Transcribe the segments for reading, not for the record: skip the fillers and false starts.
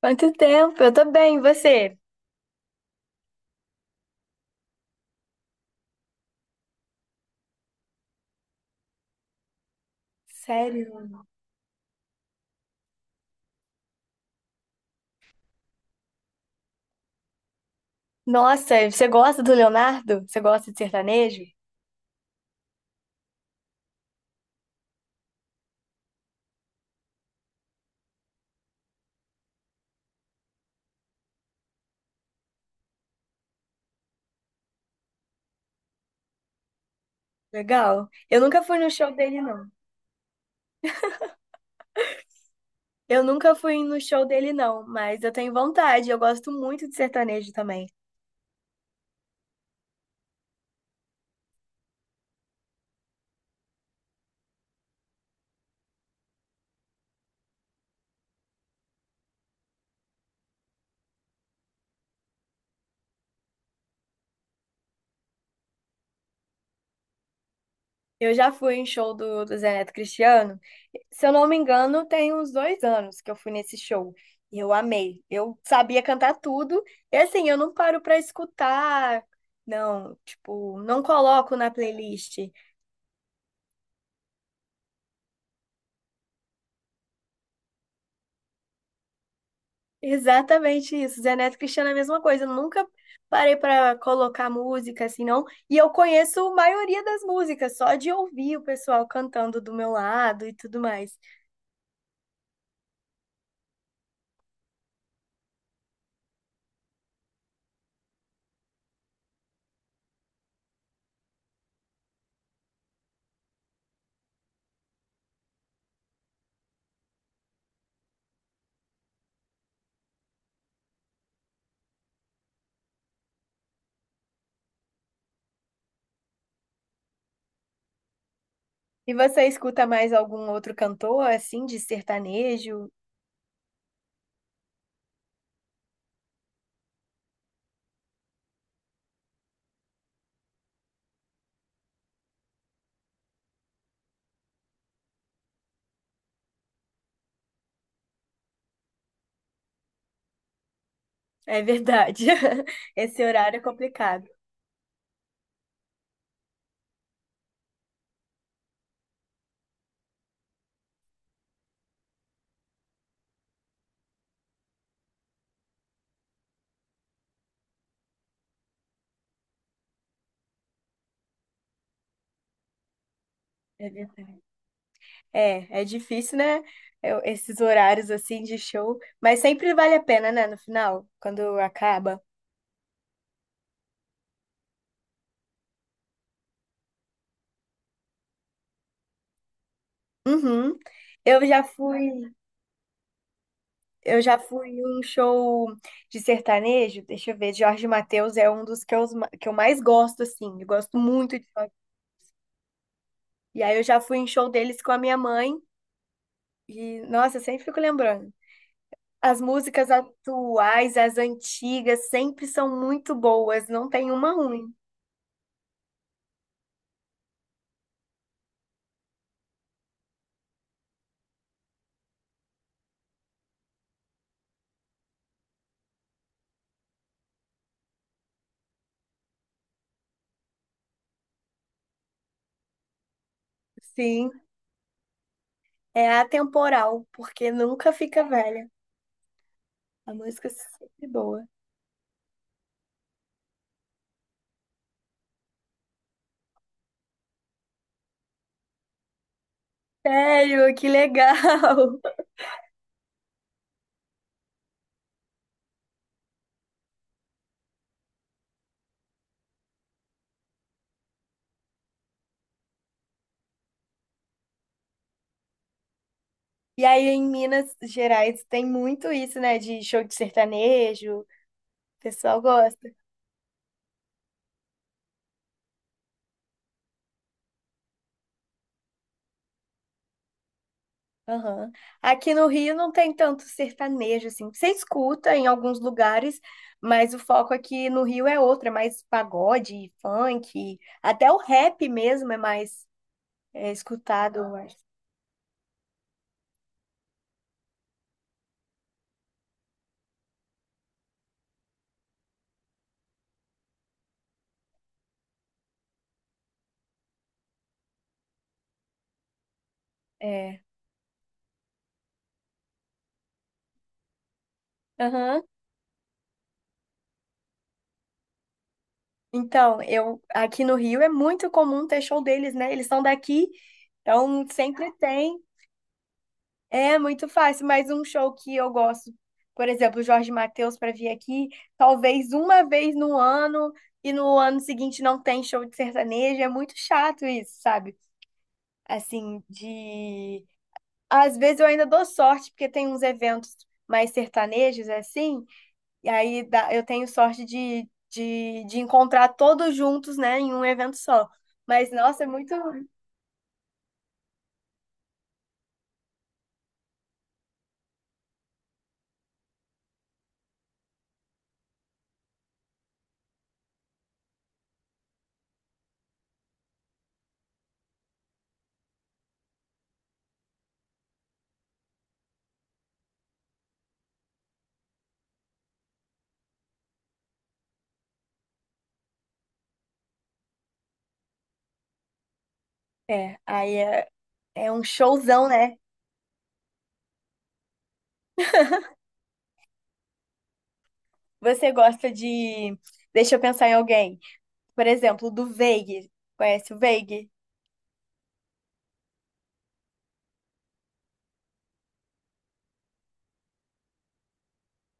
Quanto tempo? Eu tô bem, e você? Sério? Nossa, você gosta do Leonardo? Você gosta de sertanejo? Legal. Eu nunca fui no show dele, não. Eu nunca fui no show dele, não, mas eu tenho vontade. Eu gosto muito de sertanejo também. Eu já fui em show do Zé Neto Cristiano. Se eu não me engano, tem uns 2 anos que eu fui nesse show. E eu amei. Eu sabia cantar tudo. E assim, eu não paro pra escutar. Não, tipo, não coloco na playlist. Exatamente isso. Zé Neto e Cristiano é a mesma coisa. Eu nunca parei pra colocar música assim, não. E eu conheço a maioria das músicas, só de ouvir o pessoal cantando do meu lado e tudo mais. E você escuta mais algum outro cantor, assim, de sertanejo? É verdade. Esse horário é complicado. É verdade. É difícil, né? Esses horários assim de show. Mas sempre vale a pena, né? No final, quando acaba. Uhum. Eu já fui. Eu já fui em um show de sertanejo, deixa eu ver, Jorge Mateus é um dos que eu mais gosto, assim, eu gosto muito de Jorge. E aí eu já fui em show deles com a minha mãe, e nossa, eu sempre fico lembrando. As músicas atuais, as antigas, sempre são muito boas, não tem uma ruim. Sim, é atemporal, porque nunca fica velha. A música é sempre boa. Sério, que legal! E aí, em Minas Gerais, tem muito isso, né, de show de sertanejo. O pessoal gosta. Aham. Aqui no Rio não tem tanto sertanejo, assim. Você escuta em alguns lugares, mas o foco aqui no Rio é outro, é mais pagode, funk, até o rap mesmo é mais escutado, eu acho. É. Aham. Então, eu aqui no Rio é muito comum ter show deles, né? Eles são daqui, então sempre tem. É muito fácil, mas um show que eu gosto, por exemplo, o Jorge Mateus para vir aqui, talvez uma vez no ano e no ano seguinte não tem show de sertanejo, é muito chato isso, sabe? Assim, de às vezes eu ainda dou sorte porque tem uns eventos mais sertanejos assim, eu tenho sorte de encontrar todos juntos, né, em um evento só. Mas nossa, é muito é, aí é, é um showzão, né? Você gosta de. Deixa eu pensar em alguém. Por exemplo, do Veig. Conhece o Veig?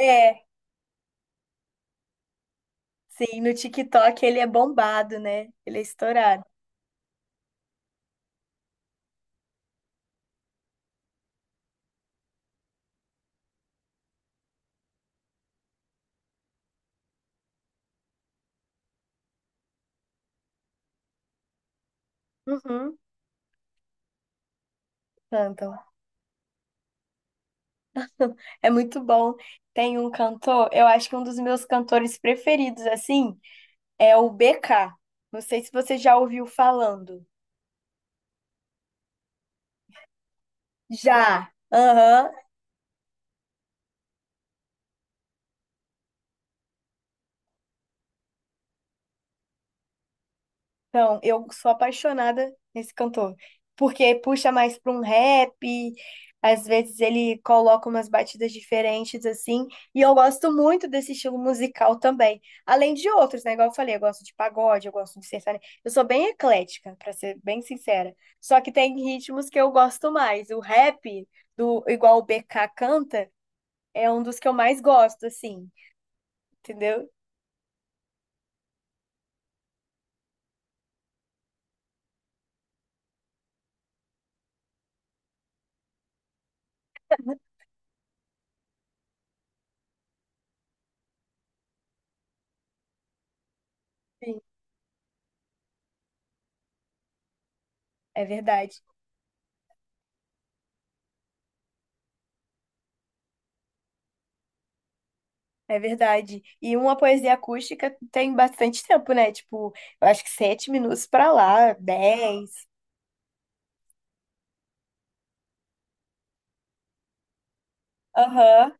É, sim, no TikTok ele é bombado, né? Ele é estourado. Uhum, cantam. É muito bom. Tem um cantor, eu acho que um dos meus cantores preferidos, assim, é o BK. Não sei se você já ouviu falando. Já. Aham. Então, eu sou apaixonada nesse cantor, porque puxa mais para um rap, às vezes ele coloca umas batidas diferentes assim, e eu gosto muito desse estilo musical também. Além de outros, né? Igual eu falei, eu gosto de pagode, eu gosto de sertanejo. Eu sou bem eclética, para ser bem sincera. Só que tem ritmos que eu gosto mais. O rap do igual o BK canta é um dos que eu mais gosto, assim, entendeu? Sim, é verdade. É verdade. E uma poesia acústica tem bastante tempo, né? Tipo, eu acho que 7 minutos pra lá, 10. Aham,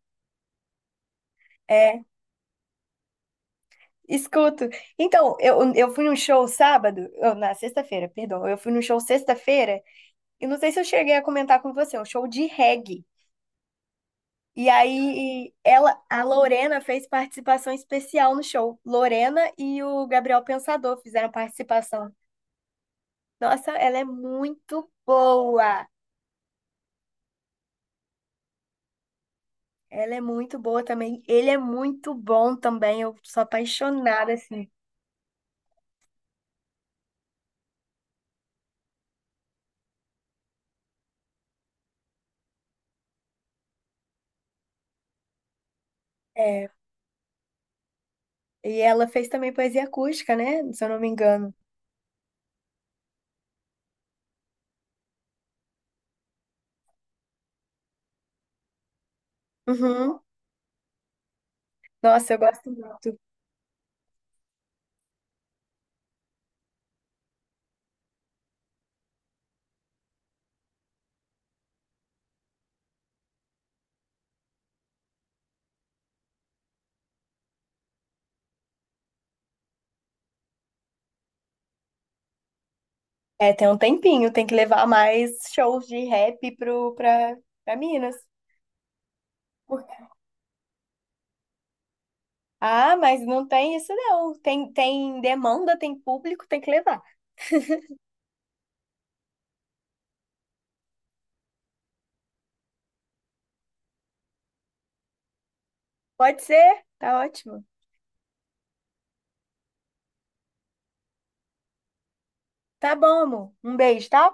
é. Escuto. Então, eu fui num show sábado, na sexta-feira, perdão. Eu fui num show sexta-feira, e não sei se eu cheguei a comentar com você, é um show de reggae. E aí, ela, a Lorena fez participação especial no show. Lorena e o Gabriel Pensador fizeram participação. Nossa, ela é muito boa. Ela é muito boa também. Ele é muito bom também. Eu sou apaixonada, assim. É. E ela fez também poesia acústica, né? Se eu não me engano. Uhum. Nossa, eu gosto muito. É, tem um tempinho. Tem que levar mais shows de rap pra Minas. Por- Ah, mas não tem isso, não. Tem, tem demanda, tem público, tem que levar. Pode ser? Tá ótimo. Tá bom, amor. Um beijo, tá?